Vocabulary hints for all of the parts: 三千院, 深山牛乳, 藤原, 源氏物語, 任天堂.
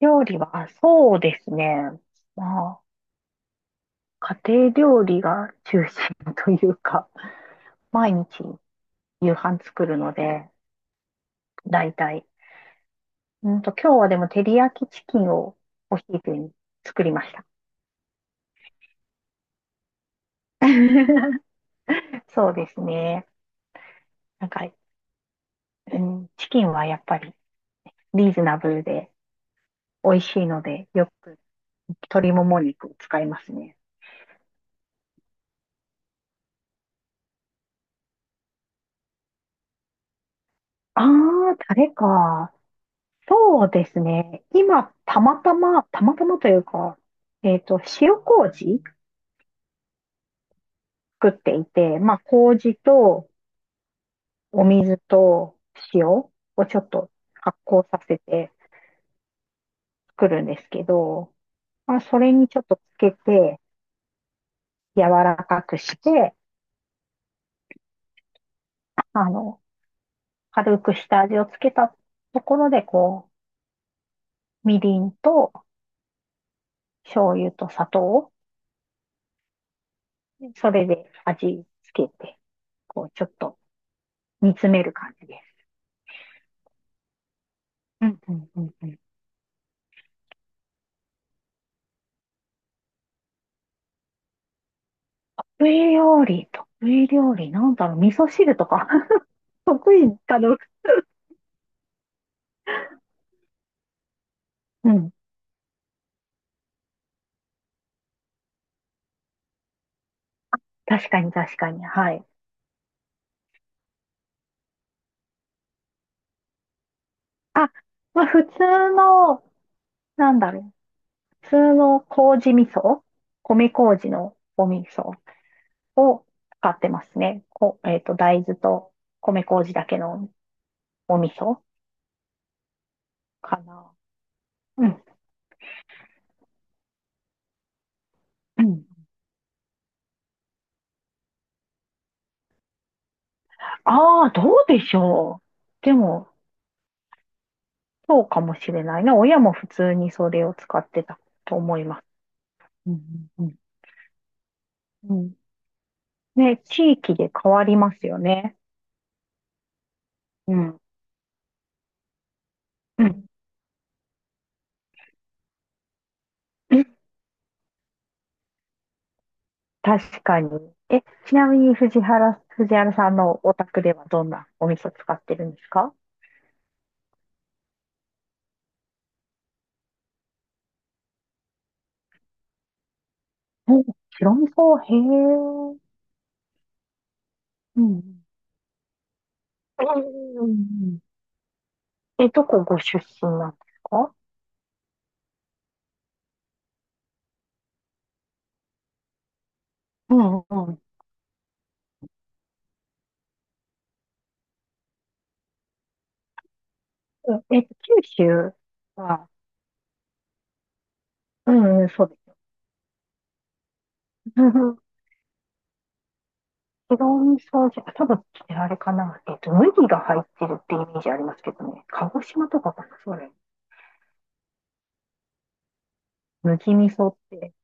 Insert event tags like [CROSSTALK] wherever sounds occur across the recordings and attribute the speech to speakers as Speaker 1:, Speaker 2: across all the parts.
Speaker 1: 料理は、そうですね。まあ、家庭料理が中心というか、[LAUGHS] 毎日夕飯作るので、だいたい。今日はでも照り焼きチキンをお昼に作りました。[LAUGHS] そうですね。なんか、うん、チキンはやっぱりリーズナブルで美味しいので、よく鶏もも肉を使いますね。ああ、タレか。そうですね。今、たまたまというか、塩麹作っていて、まあ、麹とお水と塩をちょっと発酵させて作るんですけど、まあ、それにちょっとつけて、柔らかくして、あの、軽く下味をつけたところで、こう、みりんと醤油と砂糖を、それで味付けて、こう、ちょっと煮詰める感じです。うんうんうんうん。得意料理、得意料理、なんだろう、味噌汁とか。 [LAUGHS] 得意かどうか。うん。確かに、確かに。はい。あ、まあ普通の、なんだろう、普通の麹味噌、米麹のお味噌を使ってますね。こ、えっと、大豆と米麹だけのお味噌かな。うん。うん。ああ、どうでしょう。でも、そうかもしれないな。親も普通にそれを使ってたと思います。うんうんうん。うん、ね、地域で変わりますよね。うん。うん。確かに。え、ちなみに藤原さんのお宅ではどんなお味噌使ってるんですか？お、白味噌、へえ。うん。うん。え、どこご出身なんですか？うんうん。うん、え、九州は、うんうん、そうです。うんうん。白味噌じゃ、多分、あれかな。えっと、麦が入ってるってイメージありますけどね。鹿児島とかかな、それ。麦味噌って。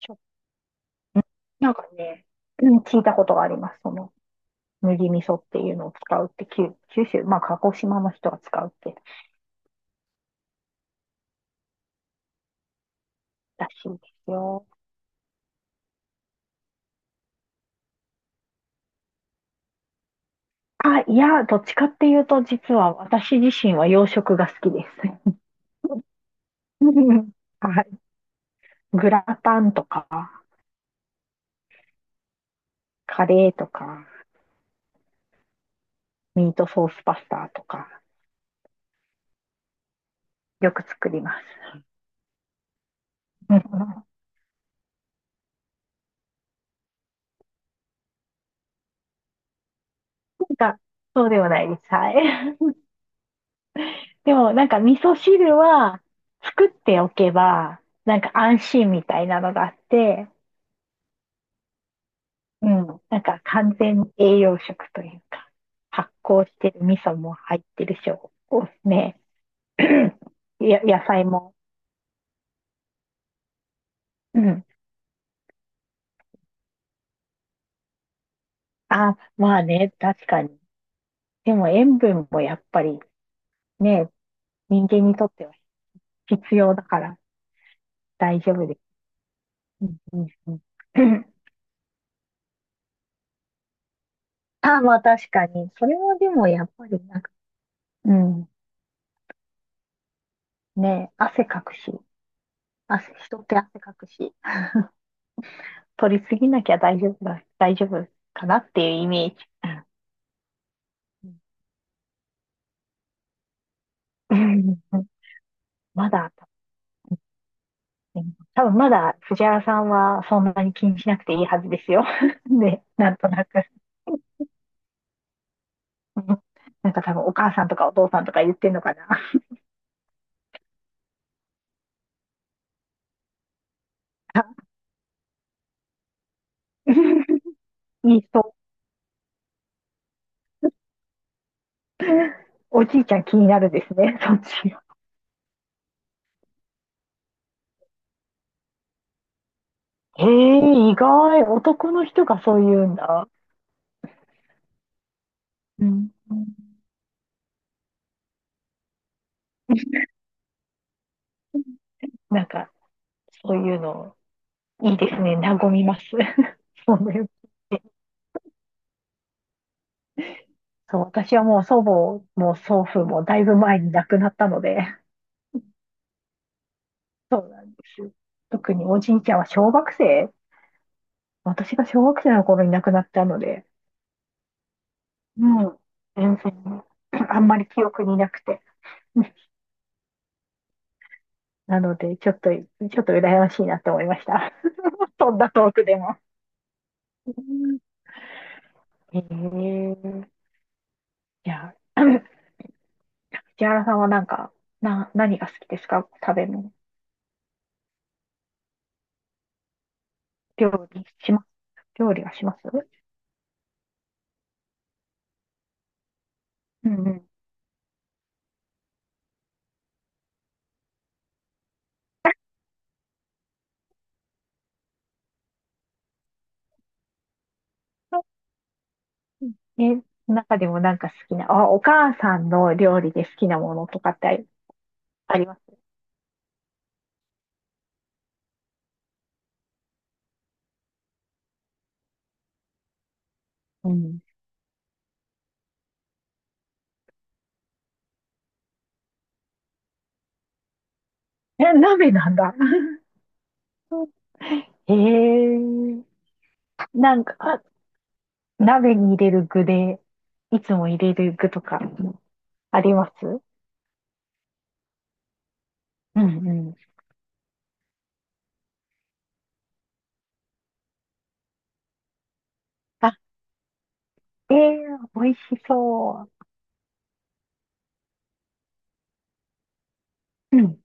Speaker 1: ちょなんかね、うん、聞いたことがあります。その、麦味噌っていうのを使うって、九州、まあ、鹿児島の人が使うってらしいですよ。あ、いや、どっちかっていうと、実は私自身は洋食が好きです。[LAUGHS] はい。グラタンとか、カレーとか、ミートソースパスタとか、よく作ります。[LAUGHS] なんか、そうではないです。はい。でもなんか味噌汁は作っておけば、なんか安心みたいなのがあって、うん、なんか完全に栄養食というか、発酵してる味噌も入ってるし、おおね、[CLEARS THROAT] 野菜も。うん。あ、まあね、確かに。でも塩分もやっぱりね、人間にとっては必要だから大丈夫です。うんうんうん。[CLEARS THROAT] あ、まあ確かに。それはでもやっぱりなんか、うん。ね、汗かくし。汗、人って汗かくし、取りすぎなきゃ大丈夫だ、大丈夫かなっていうイメージ。うんうん。まだ、多分まだ藤原さんはそんなに気にしなくていいはずですよ。[LAUGHS] ね、なんとなく。[LAUGHS] うん。なんか多分お母さんとかお父さんとか言ってんのかな。[LAUGHS] いい人、おじいちゃん気になるですね、そっち。へえー、意外、男の人がそう言うんだ。うん、なんか、そういうのいいですね。和みます。[LAUGHS] そうね。そう、私はもう祖母も祖父もだいぶ前に亡くなったので、そうなんですよ。特におじいちゃんは小学生、私が小学生の頃に亡くなったので、もうん。全然 [CLEARS THROAT] あんまり記憶になくて。なので、ちょっと羨ましいなと思いました。[LAUGHS] そんなトークでも。うん。へえ。いや、[COUGHS] [CLEARS THROAT] 藤原さんはなんか、何が好きですか？食べ物。料理します料理はします？うんうん。え、中でもなんか好きな、あ、お母さんの料理で好きなものとかってあります？うん。え、鍋なんだ。[LAUGHS] へえー、なんか、鍋に入れる具で、いつも入れる具とかあります？うんうん。あ、え美味しそう。うん。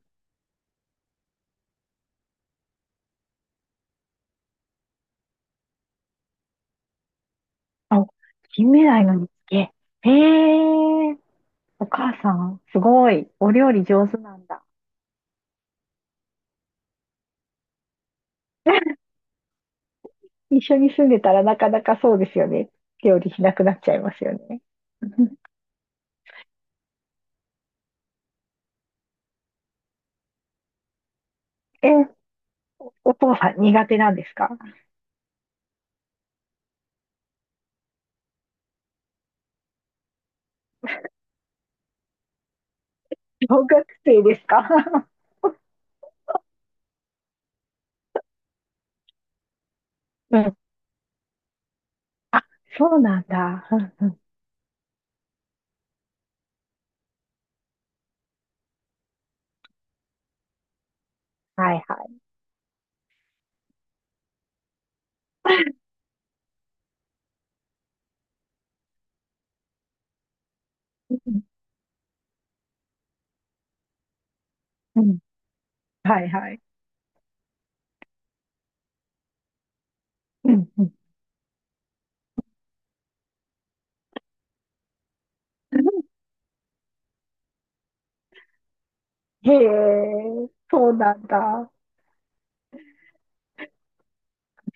Speaker 1: あ、金目鯛の煮付け。へえー、お母さん、すごい。お料理上手なんだ。一緒に住んでたらなかなかそうですよね。料理しなくなっちゃいますよね。[LAUGHS] え、お父さん苦手なんですか？小学生ですか？ [LAUGHS] うん。あ、そうなんだ。うんうん。はいはい。うんうん。はいはい。うんうん。へえ、そうなんだ。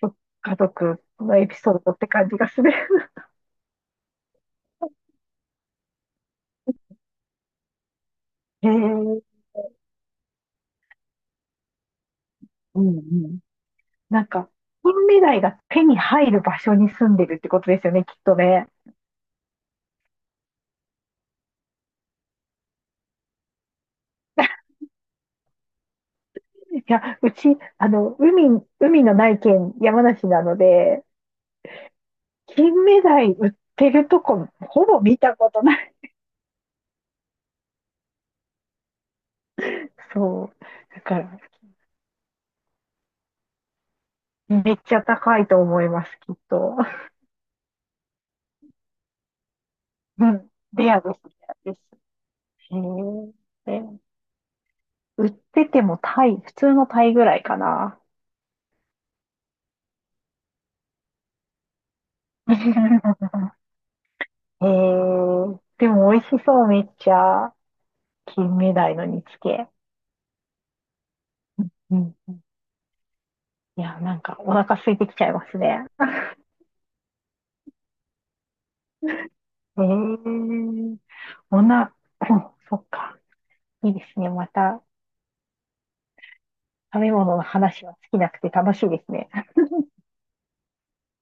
Speaker 1: そ家族のエピソードって感じがする。[LAUGHS] へえ、うんうん。なんか、の未来が手に入る場所に住んでるってことですよね、きっとね。いや、うち、あの、海、海のない県、山梨なので、金目鯛売ってるとこ、ほぼ見たことない。そう。だから、めっちゃ高いと思います、きっと。うん。レアです、レアです。へえ。で売っててもタイ、普通のタイぐらいかな。[LAUGHS] へえ。でも美味しそう、めっちゃ。金目鯛の煮付け。うん。いや、なんかお腹空いてきちゃいますね。へえ。そんな、[CLEARS THROAT] そっか。いいですね。また、食べ物の話は尽きなくて楽しいですね。